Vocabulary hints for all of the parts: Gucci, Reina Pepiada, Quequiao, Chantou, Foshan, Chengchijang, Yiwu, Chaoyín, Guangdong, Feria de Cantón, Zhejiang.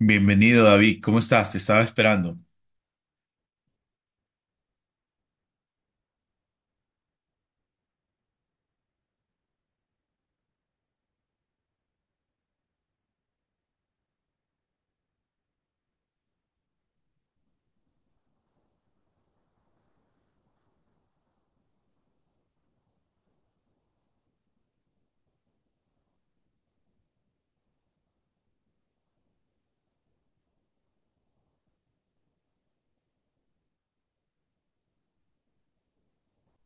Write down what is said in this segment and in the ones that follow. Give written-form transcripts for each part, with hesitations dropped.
Bienvenido, David. ¿Cómo estás? Te estaba esperando.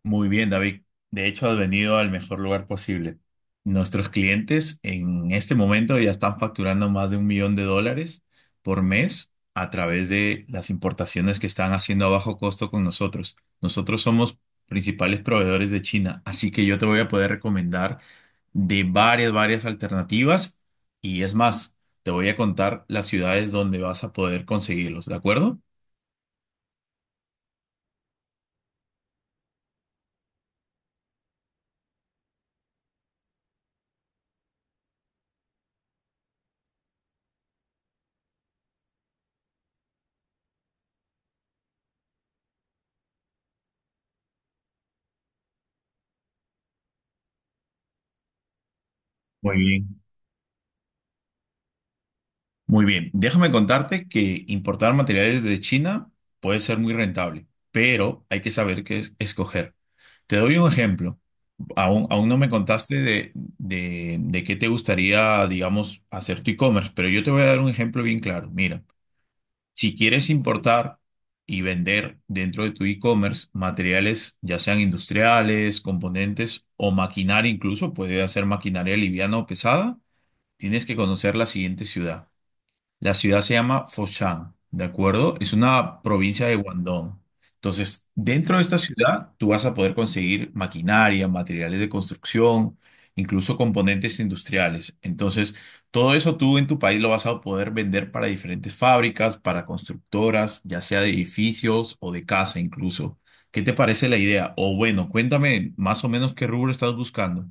Muy bien, David. De hecho, has venido al mejor lugar posible. Nuestros clientes en este momento ya están facturando más de 1.000.000 de dólares por mes a través de las importaciones que están haciendo a bajo costo con nosotros. Nosotros somos principales proveedores de China, así que yo te voy a poder recomendar de varias alternativas y es más, te voy a contar las ciudades donde vas a poder conseguirlos, ¿de acuerdo? Muy bien. Muy bien, déjame contarte que importar materiales de China puede ser muy rentable, pero hay que saber qué escoger. Te doy un ejemplo. Aún no me contaste de qué te gustaría, digamos, hacer tu e-commerce, pero yo te voy a dar un ejemplo bien claro. Mira, si quieres importar y vender dentro de tu e-commerce materiales, ya sean industriales, componentes o maquinaria incluso, puede ser maquinaria liviana o pesada, tienes que conocer la siguiente ciudad. La ciudad se llama Foshan, ¿de acuerdo? Es una provincia de Guangdong. Entonces, dentro de esta ciudad, tú vas a poder conseguir maquinaria, materiales de construcción, incluso componentes industriales. Entonces, todo eso tú en tu país lo vas a poder vender para diferentes fábricas, para constructoras, ya sea de edificios o de casa incluso. ¿Qué te parece la idea? O bueno, cuéntame más o menos qué rubro estás buscando.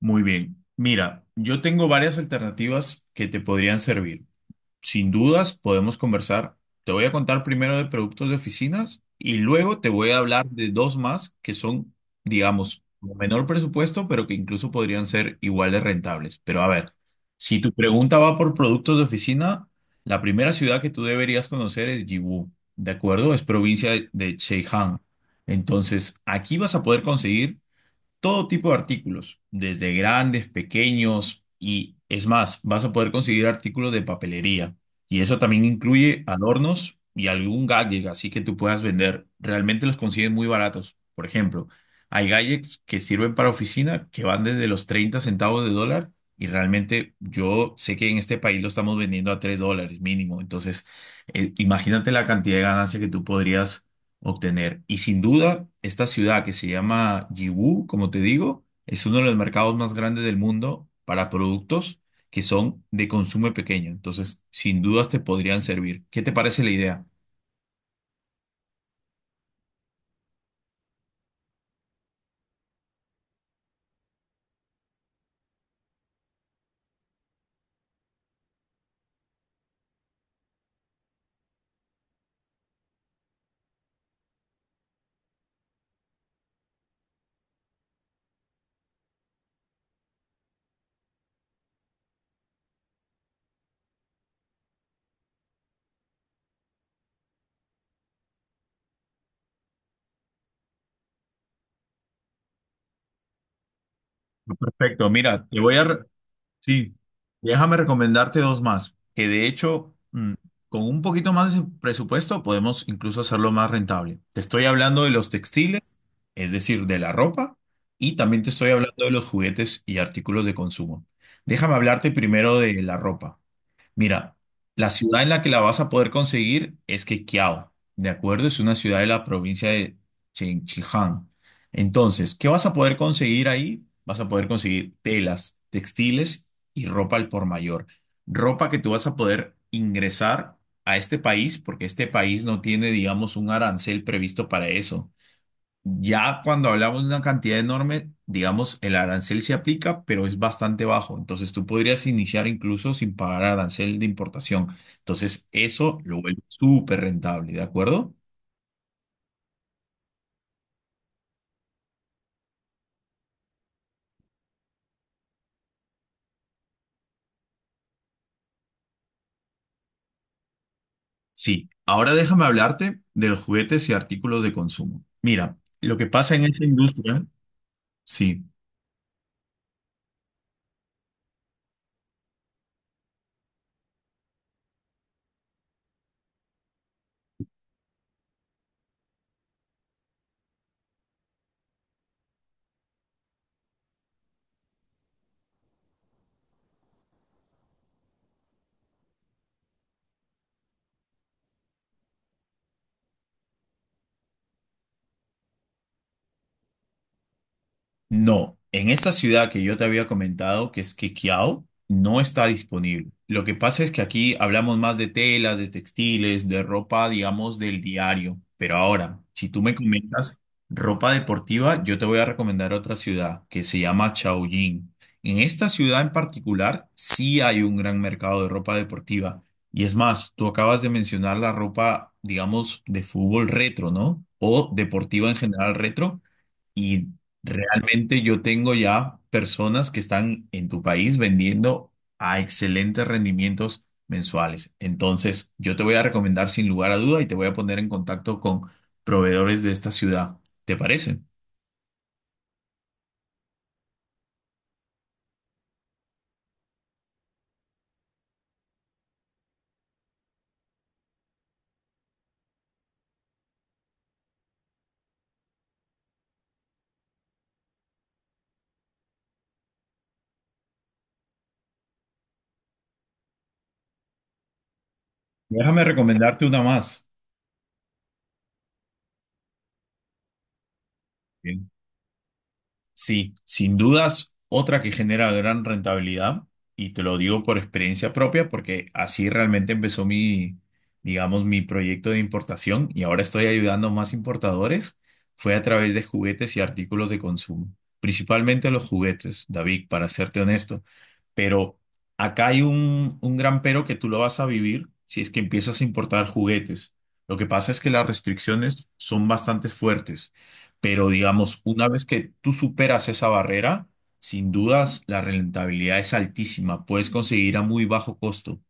Muy bien. Mira, yo tengo varias alternativas que te podrían servir. Sin dudas, podemos conversar. Te voy a contar primero de productos de oficinas y luego te voy a hablar de dos más que son, digamos, con menor presupuesto, pero que incluso podrían ser igual de rentables. Pero a ver, si tu pregunta va por productos de oficina, la primera ciudad que tú deberías conocer es Yiwu, ¿de acuerdo? Es provincia de Zhejiang. Entonces, aquí vas a poder conseguir todo tipo de artículos, desde grandes, pequeños y es más, vas a poder conseguir artículos de papelería. Y eso también incluye adornos y algún gadget, así que tú puedas vender. Realmente los consiguen muy baratos. Por ejemplo, hay gadgets que sirven para oficina que van desde los 30 centavos de dólar y realmente yo sé que en este país lo estamos vendiendo a $3 mínimo. Entonces, imagínate la cantidad de ganancia que tú podrías obtener. Y sin duda, esta ciudad que se llama Yiwu, como te digo, es uno de los mercados más grandes del mundo para productos que son de consumo pequeño. Entonces, sin dudas te podrían servir. ¿Qué te parece la idea? Perfecto, mira, te voy a... re- Sí, déjame recomendarte dos más, que de hecho, con un poquito más de presupuesto podemos incluso hacerlo más rentable. Te estoy hablando de los textiles, es decir, de la ropa, y también te estoy hablando de los juguetes y artículos de consumo. Déjame hablarte primero de la ropa. Mira, la ciudad en la que la vas a poder conseguir es Quequiao, ¿de acuerdo? Es una ciudad de la provincia de Chengchijang. Entonces, ¿qué vas a poder conseguir ahí? Vas a poder conseguir telas, textiles y ropa al por mayor. Ropa que tú vas a poder ingresar a este país porque este país no tiene, digamos, un arancel previsto para eso. Ya cuando hablamos de una cantidad enorme, digamos, el arancel se aplica, pero es bastante bajo. Entonces tú podrías iniciar incluso sin pagar arancel de importación. Entonces eso lo vuelve súper rentable, ¿de acuerdo? Sí. Ahora déjame hablarte de los juguetes y artículos de consumo. Mira, lo que pasa en esta industria, sí. No, en esta ciudad que yo te había comentado, que es Quiqueo, no está disponible. Lo que pasa es que aquí hablamos más de telas, de textiles, de ropa, digamos, del diario. Pero ahora, si tú me comentas ropa deportiva, yo te voy a recomendar otra ciudad que se llama Chaoyín. En esta ciudad en particular, sí hay un gran mercado de ropa deportiva. Y es más, tú acabas de mencionar la ropa, digamos, de fútbol retro, ¿no? O deportiva en general retro. Y realmente yo tengo ya personas que están en tu país vendiendo a excelentes rendimientos mensuales. Entonces, yo te voy a recomendar sin lugar a duda y te voy a poner en contacto con proveedores de esta ciudad. ¿Te parece? Déjame recomendarte una más. Sí, sin dudas, otra que genera gran rentabilidad, y te lo digo por experiencia propia, porque así realmente empezó mi, digamos, mi proyecto de importación y ahora estoy ayudando a más importadores, fue a través de juguetes y artículos de consumo, principalmente los juguetes, David, para serte honesto. Pero acá hay un gran pero que tú lo vas a vivir si es que empiezas a importar juguetes. Lo que pasa es que las restricciones son bastante fuertes. Pero digamos, una vez que tú superas esa barrera, sin dudas la rentabilidad es altísima. Puedes conseguir a muy bajo costo.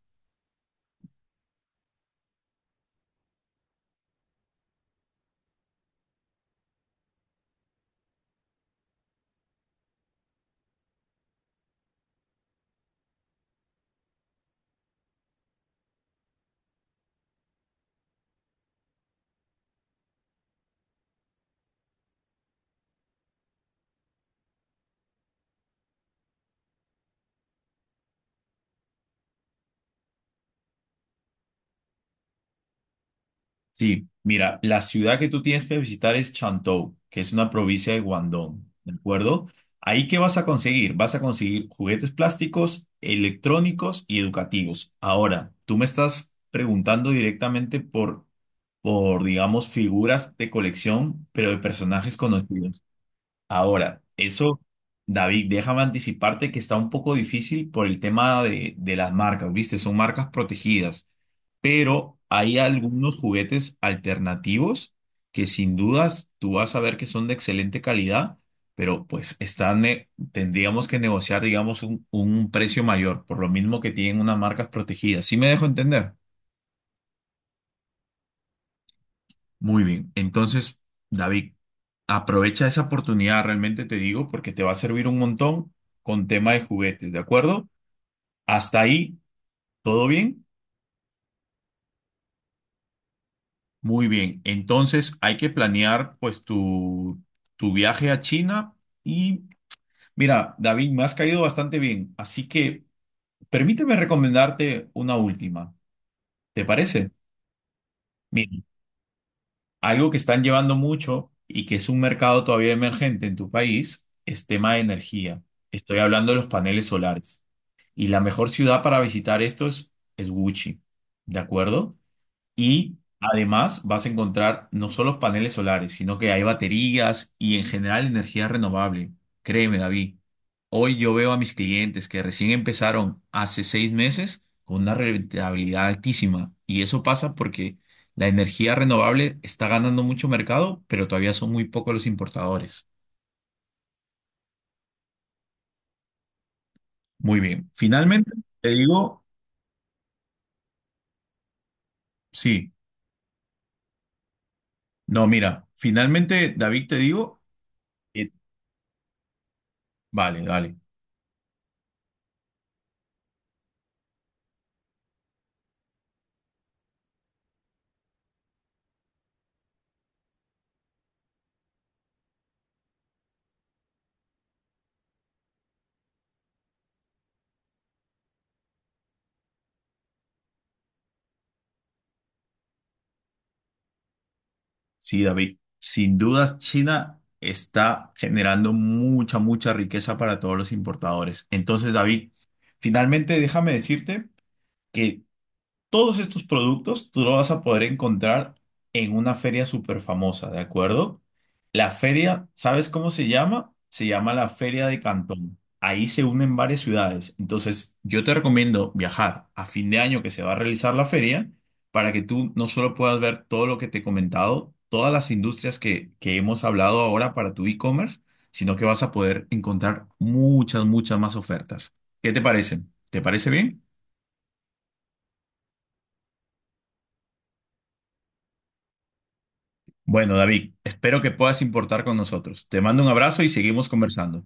Sí, mira, la ciudad que tú tienes que visitar es Chantou, que es una provincia de Guangdong, ¿de acuerdo? ¿Ahí qué vas a conseguir? Vas a conseguir juguetes plásticos, electrónicos y educativos. Ahora, tú me estás preguntando directamente por, digamos, figuras de colección, pero de personajes conocidos. Ahora, eso, David, déjame anticiparte que está un poco difícil por el tema de las marcas, ¿viste? Son marcas protegidas, pero hay algunos juguetes alternativos que sin dudas tú vas a ver que son de excelente calidad, pero pues están, tendríamos que negociar, digamos, un precio mayor, por lo mismo que tienen unas marcas protegidas. ¿Sí me dejo entender? Muy bien. Entonces, David, aprovecha esa oportunidad, realmente te digo, porque te va a servir un montón con tema de juguetes, ¿de acuerdo? Hasta ahí, ¿todo bien? Muy bien. Entonces, hay que planear pues tu viaje a China y mira, David, me has caído bastante bien, así que permíteme recomendarte una última. ¿Te parece? Mira, algo que están llevando mucho y que es un mercado todavía emergente en tu país es tema de energía. Estoy hablando de los paneles solares. Y la mejor ciudad para visitar esto es Gucci, ¿de acuerdo? Y además vas a encontrar no solo paneles solares, sino que hay baterías y en general energía renovable. Créeme, David. Hoy yo veo a mis clientes que recién empezaron hace 6 meses con una rentabilidad altísima. Y eso pasa porque la energía renovable está ganando mucho mercado, pero todavía son muy pocos los importadores. Muy bien. Finalmente, te digo, sí. No, mira, finalmente, David, te digo, eh, vale, vale. Sí, David, sin dudas China está generando mucha, mucha riqueza para todos los importadores. Entonces, David, finalmente déjame decirte que todos estos productos tú los vas a poder encontrar en una feria súper famosa, ¿de acuerdo? La feria, ¿sabes cómo se llama? Se llama la Feria de Cantón. Ahí se unen varias ciudades. Entonces, yo te recomiendo viajar a fin de año que se va a realizar la feria para que tú no solo puedas ver todo lo que te he comentado, todas las industrias que hemos hablado ahora para tu e-commerce, sino que vas a poder encontrar muchas, muchas más ofertas. ¿Qué te parece? ¿Te parece bien? Bueno, David, espero que puedas importar con nosotros. Te mando un abrazo y seguimos conversando.